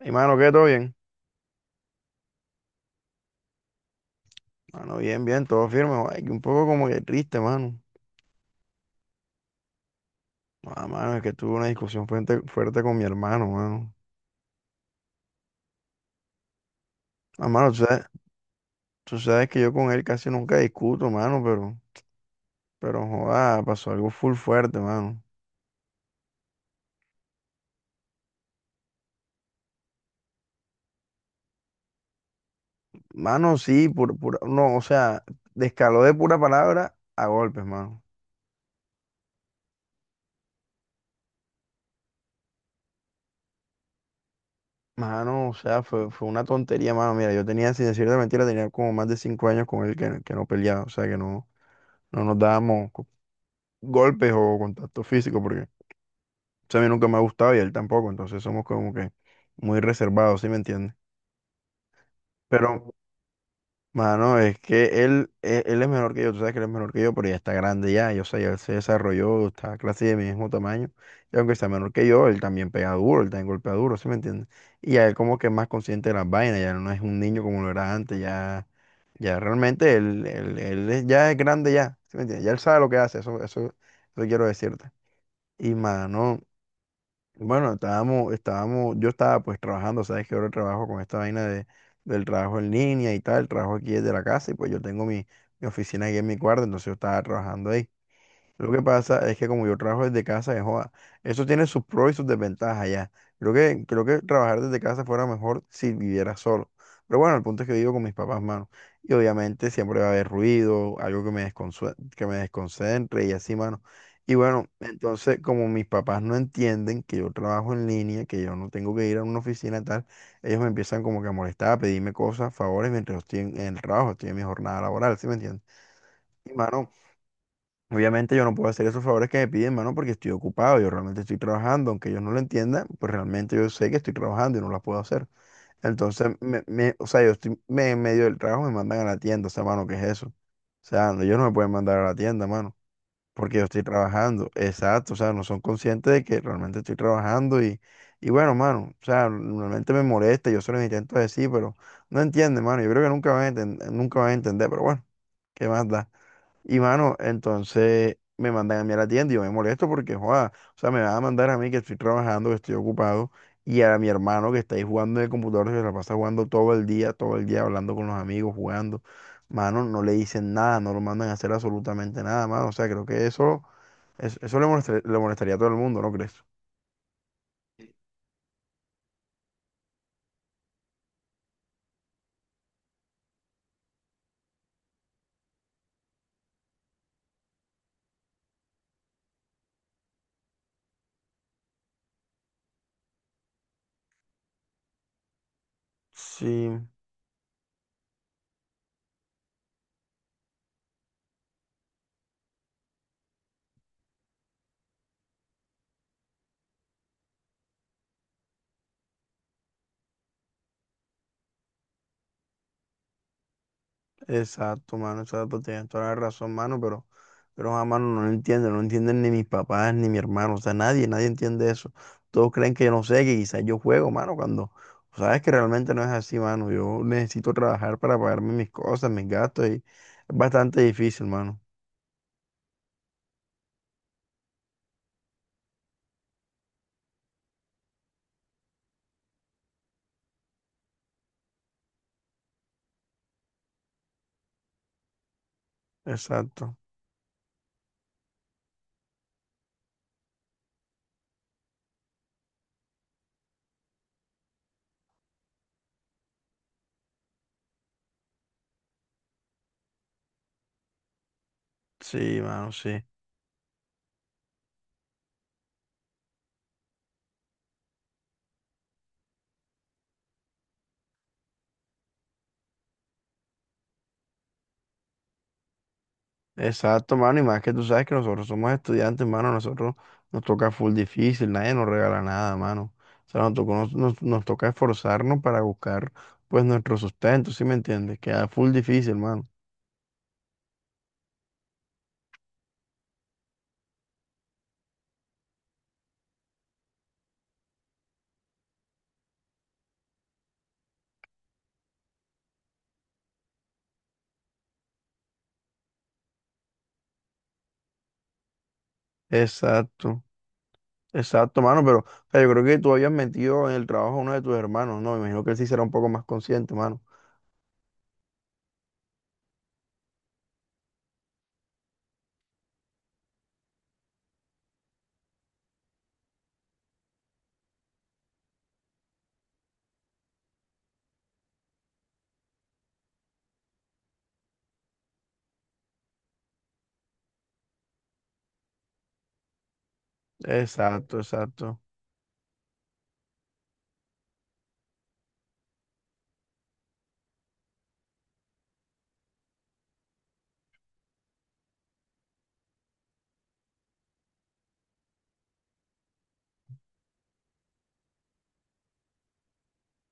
Hey, mano, ¿qué? ¿Todo bien? Mano, bien, bien, todo firme. Ay, que un poco como que triste, mano. Ah, mano, es que tuve una discusión fuerte, fuerte con mi hermano, mano. Ah, mano, tú sabes que yo con él casi nunca discuto, mano, pero, joda, pasó algo full fuerte, mano. Mano, sí, no, o sea, descaló de pura palabra a golpes, mano. Mano, o sea, fue una tontería, mano. Mira, yo tenía, sin decirte mentira, tenía como más de 5 años con él que no peleaba, o sea, que no, no nos dábamos golpes o contacto físico, porque, o sea, a mí nunca me ha gustado y a él tampoco, entonces somos como que muy reservados, ¿sí me entiendes? Pero, mano, es que él es menor que yo, tú sabes que él es menor que yo, pero ya está grande ya, yo sé, ya él se desarrolló, está casi de mi mismo tamaño, y aunque sea menor que yo, él también pega duro, él también golpea duro, ¿sí me entiendes? Y ya él como que es más consciente de las vainas, ya no es un niño como lo era antes, ya realmente ya es grande ya, ¿sí me entiendes? Ya él sabe lo que hace, eso quiero decirte. Y, mano. Bueno, yo estaba pues trabajando, sabes que ahora trabajo con esta vaina del trabajo en línea y tal, el trabajo aquí desde la casa y pues yo tengo mi oficina aquí en mi cuarto, entonces yo estaba trabajando ahí. Lo que pasa es que como yo trabajo desde casa, de joda, eso tiene sus pros y sus desventajas ya. Creo que trabajar desde casa fuera mejor si viviera solo. Pero bueno, el punto es que vivo con mis papás, mano. Y obviamente siempre va a haber ruido, algo que que me desconcentre y así, mano. Y bueno, entonces como mis papás no entienden que yo trabajo en línea, que yo no tengo que ir a una oficina tal, ellos me empiezan como que a molestar, a pedirme cosas, favores, mientras yo estoy en el trabajo, estoy en mi jornada laboral, ¿sí me entiendes? Y, mano, obviamente yo no puedo hacer esos favores que me piden, mano, porque estoy ocupado, yo realmente estoy trabajando, aunque ellos no lo entiendan, pues realmente yo sé que estoy trabajando y no las puedo hacer. Entonces, o sea, yo estoy en medio del trabajo, me mandan a la tienda, o sea, mano, ¿qué es eso? O sea, no, ellos no me pueden mandar a la tienda, mano, porque yo estoy trabajando, exacto, o sea, no son conscientes de que realmente estoy trabajando y bueno, mano, o sea, realmente me molesta, yo se los intento decir, pero no entienden, mano, yo creo que nunca van a entender, pero bueno, ¿qué más da? Y mano, entonces me mandan a mí a la tienda y yo me molesto porque, joda, o sea, me van a mandar a mí que estoy trabajando, que estoy ocupado, y a mi hermano que está ahí jugando en el computador, que se la pasa jugando todo el día hablando con los amigos, jugando. Mano, no le dicen nada, no lo mandan a hacer absolutamente nada, mano. O sea, creo que eso, eso, le molestaría a todo el mundo, ¿no crees? Sí, exacto, mano, exacto, tienes toda la razón, mano, pero a mano no lo entienden, no lo entienden ni mis papás, ni mi hermano, o sea, nadie, nadie entiende eso. Todos creen que yo no sé, que quizás yo juego, mano, cuando sabes que realmente no es así, mano. Yo necesito trabajar para pagarme mis cosas, mis gastos, y es bastante difícil, mano. Exacto. Sí, mano, sí. Exacto, mano, y más que tú sabes que nosotros somos estudiantes, mano, nosotros nos toca full difícil, nadie nos regala nada, mano. O sea, nos tocó- nos, nos- nos toca esforzarnos para buscar, pues, nuestro sustento, ¿sí me entiendes? Queda full difícil, mano. Exacto, exacto, mano, pero, o sea, yo creo que tú habías metido en el trabajo a uno de tus hermanos, ¿no? Me imagino que él sí será un poco más consciente, mano. Exacto, exacto.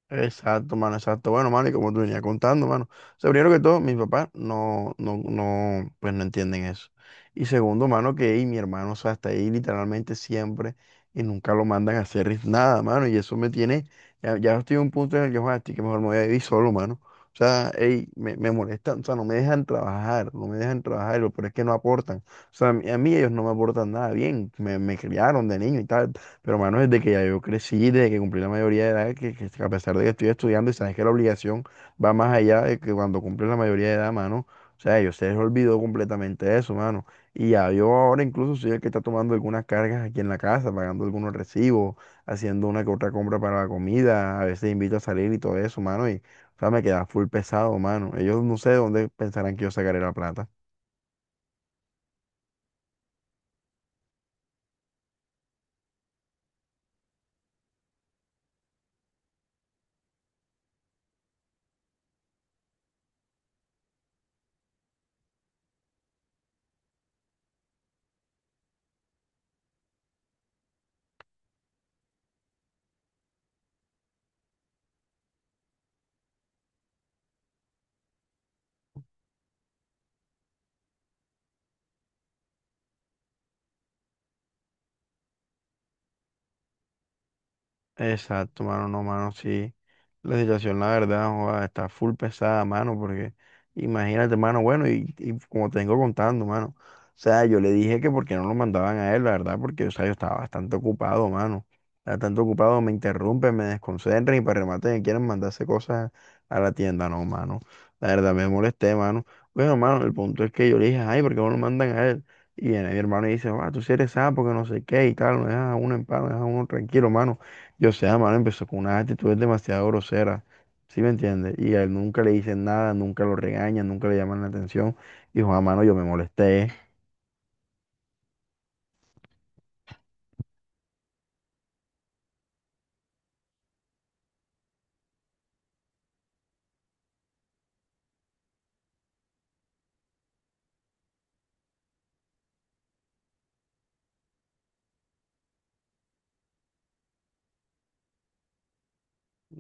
Exacto, mano, exacto. Bueno, mano, y como tú venías contando, mano. O sea, primero que todo, mis papás no, no, no, pues no entienden eso. Y segundo, mano, que ey, mi hermano, o sea, está ahí literalmente siempre y nunca lo mandan a hacer nada, mano. Y eso me tiene, ya estoy en un punto en el que, joder, estoy que mejor me voy a vivir solo, mano. O sea, ey, me molestan, o sea, no me dejan trabajar, no me dejan trabajar, pero es que no aportan. O sea, a mí ellos no me aportan nada bien, me criaron de niño y tal. Pero, mano, desde que ya yo crecí, desde que cumplí la mayoría de edad, que a pesar de que estoy estudiando y sabes que la obligación va más allá de que cuando cumples la mayoría de edad, mano, o sea, ellos se les olvidó completamente eso, mano. Y ya yo ahora incluso soy el que está tomando algunas cargas aquí en la casa, pagando algunos recibos, haciendo una que otra compra para la comida, a veces invito a salir y todo eso, mano, y, o sea, me queda full pesado, mano. Ellos no sé de dónde pensarán que yo sacaré la plata. Exacto, mano, no, mano, sí. La situación, la verdad, joda, está full pesada, mano, porque imagínate, mano, bueno, y como te vengo contando, mano, o sea, yo le dije que porque no lo mandaban a él, la verdad, porque, o sea, yo estaba bastante ocupado, mano, estaba bastante ocupado, me interrumpen, me desconcentran y para remate me quieren mandarse cosas a la tienda, no, mano, la verdad, me molesté, mano. Bueno, mano, el punto es que yo le dije, ay, ¿por qué no lo mandan a él? Y viene mi hermano y dice, ah, tú sí eres sapo, que no sé qué y tal, me dejas a uno en paz, me dejas a uno tranquilo, mano. Yo sé, mano, empezó con unas actitudes demasiado groseras, ¿sí me entiendes? Y a él nunca le dicen nada, nunca lo regañan, nunca le llaman la atención. Y Juan, mano, yo me molesté.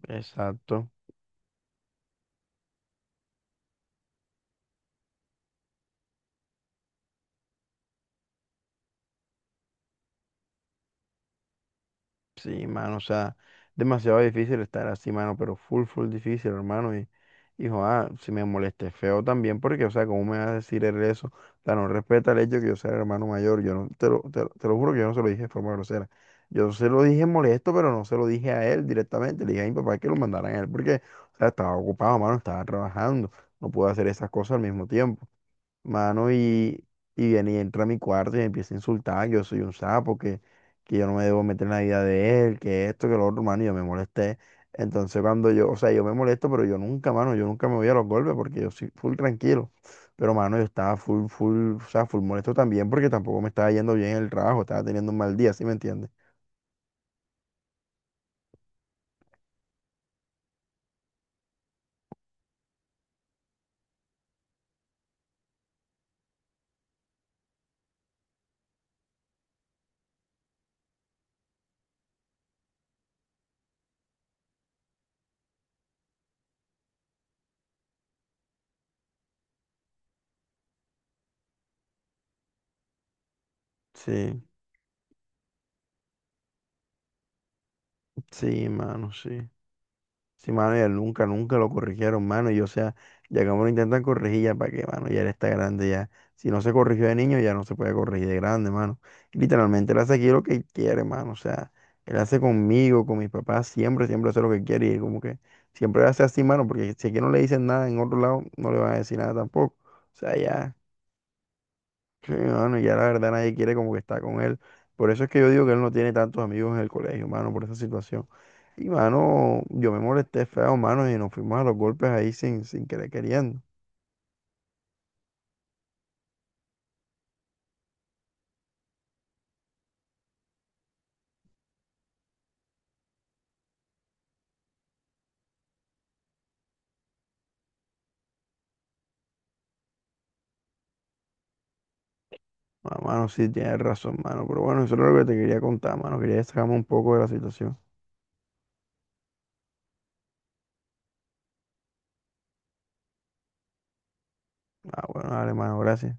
Exacto. Sí, mano, o sea, demasiado difícil estar así, mano, pero full, full difícil, hermano. Hijo, ah, si me molesté feo también, porque, o sea, ¿cómo me vas a decir él eso? O sea, no respeta el hecho de que yo sea el hermano mayor. Yo no, te lo juro que yo no se lo dije de forma grosera. Yo se lo dije molesto, pero no se lo dije a él directamente. Le dije a mi papá que lo mandaran a él, porque, o sea, estaba ocupado, mano, estaba trabajando. No pude hacer esas cosas al mismo tiempo. Mano, y viene y entra a mi cuarto y me empieza a insultar. Yo soy un sapo, que yo no me debo meter en la vida de él, que esto, que lo otro, mano, y yo me molesté. Entonces, cuando yo, o sea, yo me molesto, pero yo nunca, mano, yo nunca me voy a los golpes porque yo soy full tranquilo. Pero, mano, yo estaba full, full, o sea, full molesto también porque tampoco me estaba yendo bien en el trabajo, estaba teniendo un mal día, ¿sí me entiendes? Sí, sí. Sí, mano, ya nunca, nunca lo corrigieron, mano. Y o sea, ya como lo intentan corregir, ya para qué, mano, ya él está grande ya. Si no se corrigió de niño, ya no se puede corregir de grande, mano. Y literalmente él hace aquí lo que quiere, mano. O sea, él hace conmigo, con mis papás, siempre, siempre hace lo que quiere. Y como que siempre hace así, mano, porque si aquí no le dicen nada en otro lado, no le van a decir nada tampoco. O sea, ya. Sí, mano, y ya la verdad nadie quiere como que está con él. Por eso es que yo digo que él no tiene tantos amigos en el colegio, mano, por esa situación. Y, mano, yo me molesté feo, mano, y nos fuimos a los golpes ahí sin querer queriendo. Ah, mano, sí, tienes razón, mano. Pero bueno, eso es lo que te quería contar, mano. Quería sacarme un poco de la situación. Ah, bueno, dale, mano, gracias.